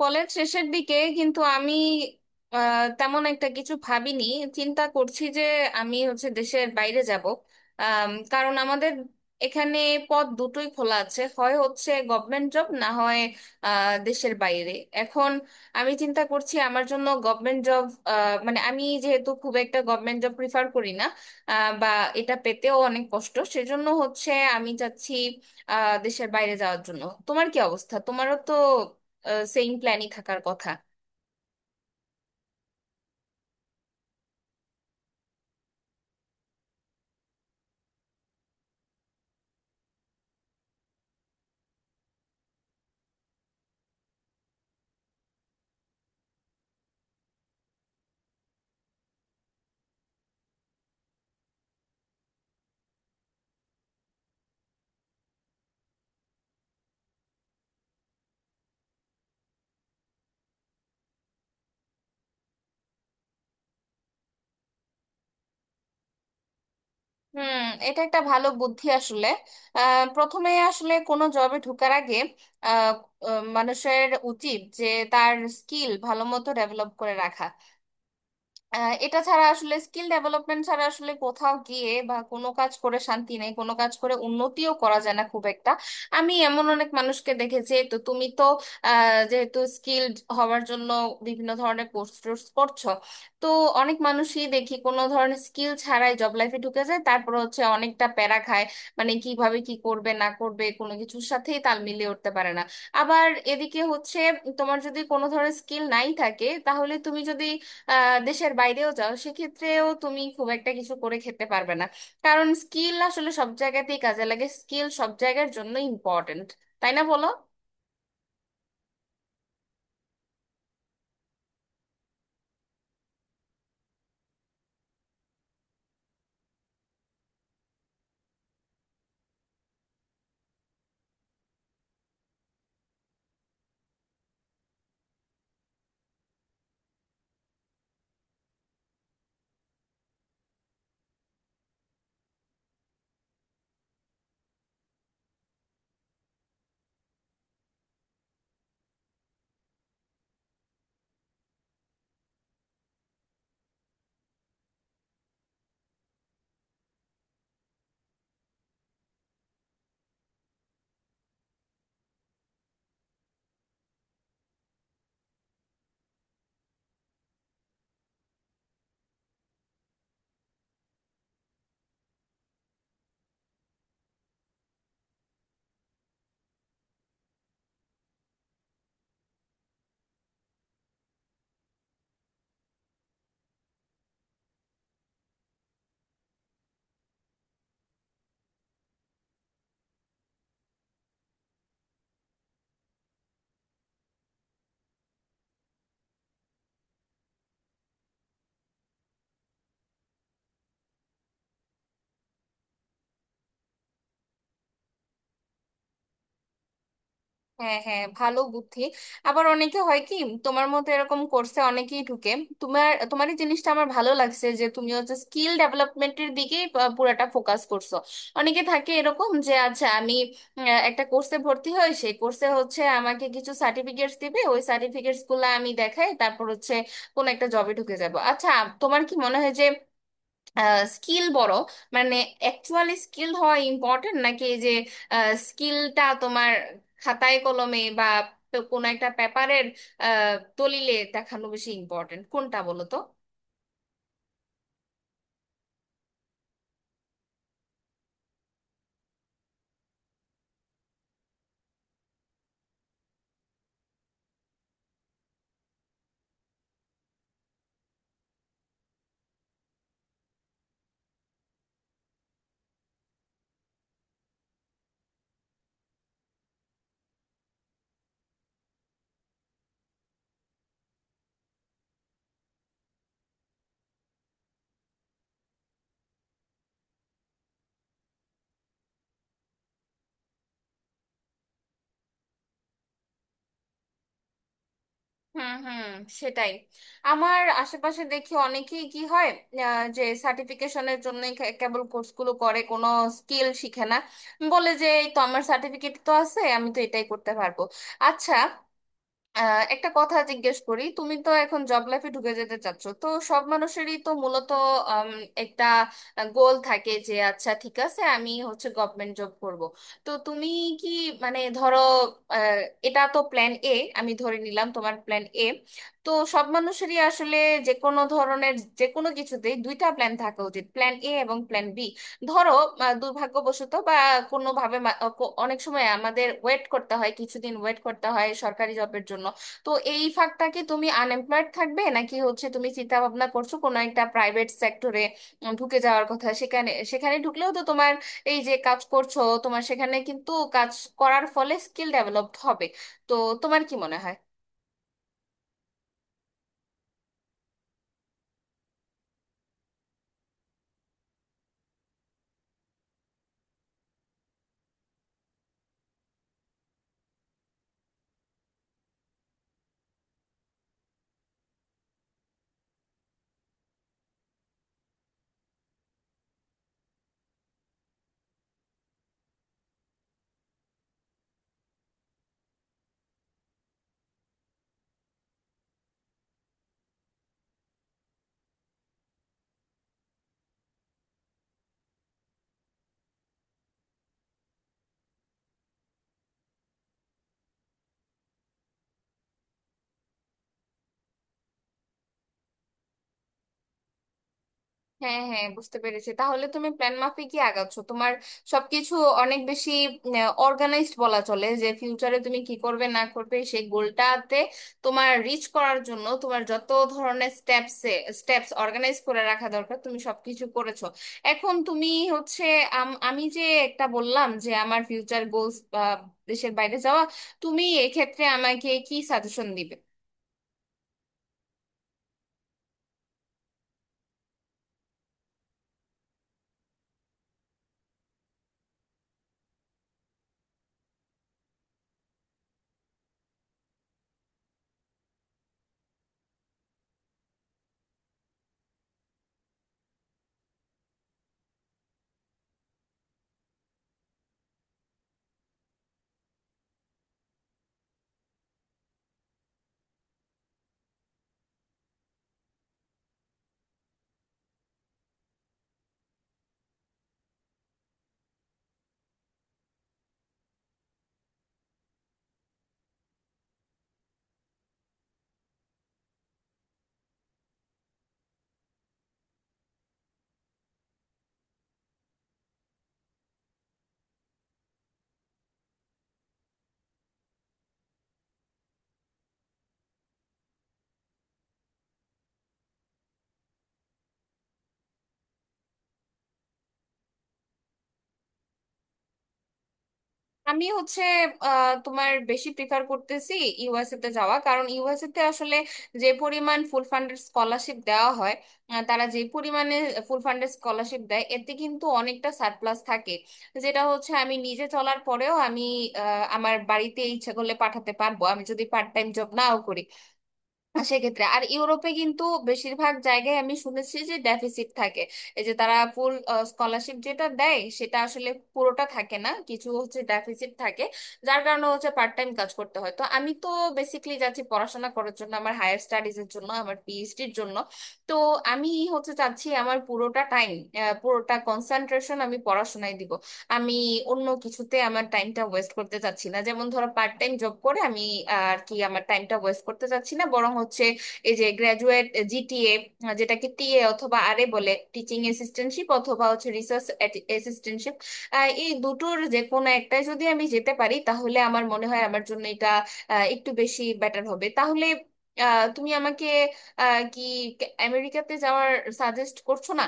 College শেষের দিকে কিন্তু আমি তেমন একটা কিছু ভাবিনি। চিন্তা করছি যে আমি হচ্ছে দেশের বাইরে যাব। কারণ আমাদের এখানে পদ দুটোই খোলা আছে, হয় হচ্ছে গভর্নমেন্ট জব না হয় দেশের বাইরে। এখন আমি চিন্তা করছি আমার জন্য গভর্নমেন্ট জব, মানে আমি যেহেতু খুব একটা গভর্নমেন্ট জব প্রিফার করি না, বা এটা পেতেও অনেক কষ্ট। সেজন্য হচ্ছে আমি চাচ্ছি দেশের বাইরে যাওয়ার জন্য। তোমার কি অবস্থা? তোমারও তো সেম প্ল্যানই থাকার কথা। হুম। এটা একটা ভালো বুদ্ধি আসলে। প্রথমে আসলে কোনো জবে ঢোকার আগে আহ, মানুষের উচিত যে তার স্কিল ভালো মতো ডেভেলপ করে রাখা। এটা ছাড়া আসলে স্কিল ডেভেলপমেন্ট ছাড়া আসলে কোথাও গিয়ে বা কোনো কাজ করে শান্তি নেই, কোনো কাজ করে উন্নতিও করা যায় না খুব একটা। আমি এমন অনেক মানুষকে দেখেছি। তো তুমি তো যেহেতু স্কিলড হওয়ার জন্য বিভিন্ন ধরনের কোর্স টোর্স করছো, তো অনেক মানুষই দেখি কোনো ধরনের স্কিল ছাড়াই জব লাইফে ঢুকে যায়, তারপর হচ্ছে অনেকটা প্যারা খায়। মানে কিভাবে কি করবে না করবে কোনো কিছুর সাথেই তাল মিলিয়ে উঠতে পারে না। আবার এদিকে হচ্ছে তোমার যদি কোনো ধরনের স্কিল নাই থাকে, তাহলে তুমি যদি দেশের বাইরেও যাও, সেক্ষেত্রেও তুমি খুব একটা কিছু করে খেতে পারবে না। কারণ স্কিল আসলে সব জায়গাতেই কাজে লাগে, স্কিল সব জায়গার জন্য ইম্পর্ট্যান্ট। তাই না, বলো? হ্যাঁ হ্যাঁ, ভালো বুদ্ধি। আবার অনেকে হয় কি, তোমার মতো এরকম কোর্সে অনেকেই ঢুকে। তোমার তোমার এই জিনিসটা আমার ভালো লাগছে যে তুমি হচ্ছে স্কিল ডেভেলপমেন্টের দিকেই পুরাটা ফোকাস করছো। অনেকে থাকে এরকম যে, আচ্ছা আমি একটা কোর্সে ভর্তি হই, সেই কোর্সে হচ্ছে আমাকে কিছু সার্টিফিকেটস দিবে, ওই সার্টিফিকেটস গুলো আমি দেখাই, তারপর হচ্ছে কোন একটা জবে ঢুকে যাব। আচ্ছা, তোমার কি মনে হয় যে স্কিল বড়, মানে অ্যাকচুয়ালি স্কিল হওয়া ইম্পর্টেন্ট নাকি এই যে স্কিলটা তোমার খাতায় কলমে বা কোনো একটা পেপারের দলিলে দেখানো বেশি ইম্পর্টেন্ট? কোনটা বলো তো? হুম হুম, সেটাই। আমার আশেপাশে দেখি অনেকেই কি হয়, যে সার্টিফিকেশনের জন্য কেবল কোর্সগুলো করে কোনো স্কিল শিখে না। বলে যে এই তো আমার সার্টিফিকেট তো আছে, আমি তো এটাই করতে পারবো। আচ্ছা, একটা কথা জিজ্ঞেস করি। তুমি তো এখন জব লাইফে ঢুকে যেতে চাচ্ছ, তো সব মানুষেরই তো মূলত উম, একটা গোল থাকে যে আচ্ছা ঠিক আছে আমি হচ্ছে গভর্নমেন্ট জব করব। তো তুমি কি, মানে ধরো আহ, এটা তো প্ল্যান এ, আমি ধরে নিলাম তোমার প্ল্যান এ। তো সব মানুষেরই আসলে যে কোনো ধরনের যে কোনো কিছুতেই দুইটা প্ল্যান থাকা উচিত, প্ল্যান এ এবং প্ল্যান বি। ধরো দুর্ভাগ্যবশত বা কোনোভাবে অনেক সময় আমাদের ওয়েট করতে হয়, কিছুদিন ওয়েট করতে হয় সরকারি জবের জন্য। তো এই ফাঁকটা কি তুমি আনএমপ্লয়েড থাকবে নাকি হচ্ছে তুমি চিন্তা ভাবনা করছো কোনো একটা প্রাইভেট সেক্টরে ঢুকে যাওয়ার কথা? সেখানে সেখানে ঢুকলেও তো তোমার এই যে কাজ করছো, তোমার সেখানে কিন্তু কাজ করার ফলে স্কিল ডেভেলপড হবে। তো তোমার কি মনে হয়? হ্যাঁ হ্যাঁ, বুঝতে পেরেছি। তাহলে তুমি প্ল্যান মাফিকই আগাচ্ছ। তোমার সবকিছু অনেক বেশি অর্গানাইজড বলা চলে, যে ফিউচারে তুমি কি করবে না করবে সেই গোলটাতে তোমার রিচ করার জন্য তোমার যত ধরনের স্টেপস স্টেপস অর্গানাইজ করে রাখা দরকার, তুমি সবকিছু করেছো। এখন তুমি হচ্ছে আমি যে একটা বললাম যে আমার ফিউচার গোলস দেশের বাইরে যাওয়া, তুমি এক্ষেত্রে আমাকে কি সাজেশন দিবে? আমি হচ্ছে তোমার বেশি প্রিফার করতেছি ইউএসএ তে যাওয়া, কারণ ইউএসএ তে আসলে যে পরিমাণ ফুল ফান্ডেড স্কলারশিপ দেওয়া হয়, তারা যে পরিমাণে ফুল ফান্ডেড স্কলারশিপ দেয়, এতে কিন্তু অনেকটা সারপ্লাস থাকে। যেটা হচ্ছে আমি নিজে চলার পরেও আমি আমার বাড়িতে ইচ্ছা করলে পাঠাতে পারবো, আমি যদি পার্ট টাইম জব নাও করি। আর সেক্ষেত্রে আর ইউরোপে কিন্তু বেশিরভাগ জায়গায় আমি শুনেছি যে ডেফিসিট থাকে। এই যে তারা ফুল স্কলারশিপ যেটা দেয় সেটা আসলে পুরোটা থাকে না, কিছু হচ্ছে ডেফিসিট থাকে, যার কারণে হচ্ছে পার্ট টাইম কাজ করতে হয়। তো আমি তো বেসিকলি যাচ্ছি পড়াশোনা করার জন্য, আমার হায়ার স্টাডিজ এর জন্য, আমার পিএইচডির জন্য। তো আমি হচ্ছে চাচ্ছি আমার পুরোটা টাইম, পুরোটা কনসেন্ট্রেশন আমি পড়াশোনায় দিব। আমি অন্য কিছুতে আমার টাইমটা ওয়েস্ট করতে চাচ্ছি না, যেমন ধরো পার্ট টাইম জব করে আমি আর কি আমার টাইমটা ওয়েস্ট করতে চাচ্ছি না। বরং হচ্ছে এই যে গ্রাজুয়েট জিটিএ, যেটাকে টিএ অথবা আরএ বলে, টিচিং অ্যাসিস্ট্যান্টশিপ অথবা হচ্ছে রিসার্চ অ্যাসিস্ট্যান্টশিপ, এই দুটোর যে কোনো একটাই যদি আমি যেতে পারি তাহলে আমার মনে হয় আমার জন্য এটা একটু বেশি বেটার হবে। তাহলে তুমি আমাকে কি আমেরিকাতে যাওয়ার সাজেস্ট করছো না?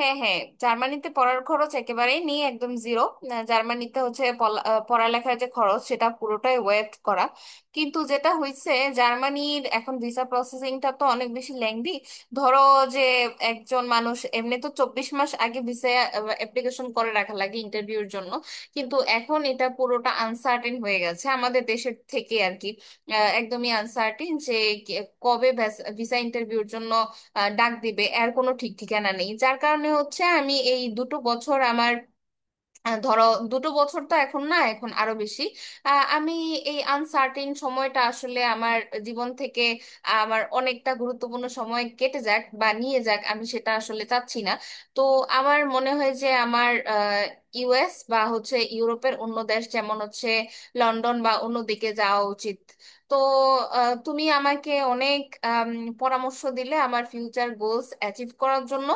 হ্যাঁ হ্যাঁ, জার্মানিতে পড়ার খরচ একেবারেই নেই, একদম জিরো। জার্মানিতে হচ্ছে পড়ালেখার যে খরচ সেটা পুরোটাই ওয়েভ করা। কিন্তু যেটা হয়েছে, জার্মানির এখন ভিসা প্রসেসিংটা তো অনেক বেশি লেংদি। ধরো যে একজন মানুষ এমনি তো 24 মাস আগে ভিসা অ্যাপ্লিকেশন করে রাখা লাগে ইন্টারভিউর জন্য। কিন্তু এখন এটা পুরোটা আনসার্টেন হয়ে গেছে আমাদের দেশের থেকে আর কি। একদমই আনসার্টিন যে কে- কবে ভিসা ইন্টারভিউর জন্য ডাক দিবে, এর কোনো ঠিক ঠিকানা নেই। যার কারণে হচ্ছে আমি এই দুটো বছর আমার ধরো দুটো বছর তো এখন না, এখন আরো বেশি। আমি এই আনসার্টেন সময়টা আসলে আমার জীবন থেকে আমার অনেকটা গুরুত্বপূর্ণ সময় কেটে যাক বা নিয়ে যাক, আমি সেটা আসলে চাচ্ছি না। তো আমার মনে হয় যে আমার ইউএস বা হচ্ছে ইউরোপের অন্য দেশ যেমন হচ্ছে লন্ডন বা অন্য দিকে যাওয়া উচিত। তো তুমি আমাকে অনেক আম, পরামর্শ দিলে আমার ফিউচার গোলস অ্যাচিভ করার জন্য।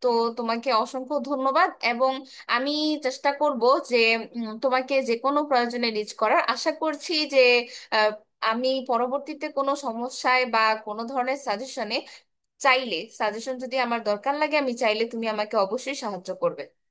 তো তোমাকে অসংখ্য ধন্যবাদ। এবং আমি চেষ্টা করব যে তোমাকে যে কোনো প্রয়োজনে রিচ করার আশা করছি যে আহ, আমি পরবর্তীতে কোনো সমস্যায় বা কোনো ধরনের সাজেশনে চাইলে, সাজেশন যদি আমার দরকার লাগে, আমি চাইলে তুমি আমাকে অবশ্যই সাহায্য করবে।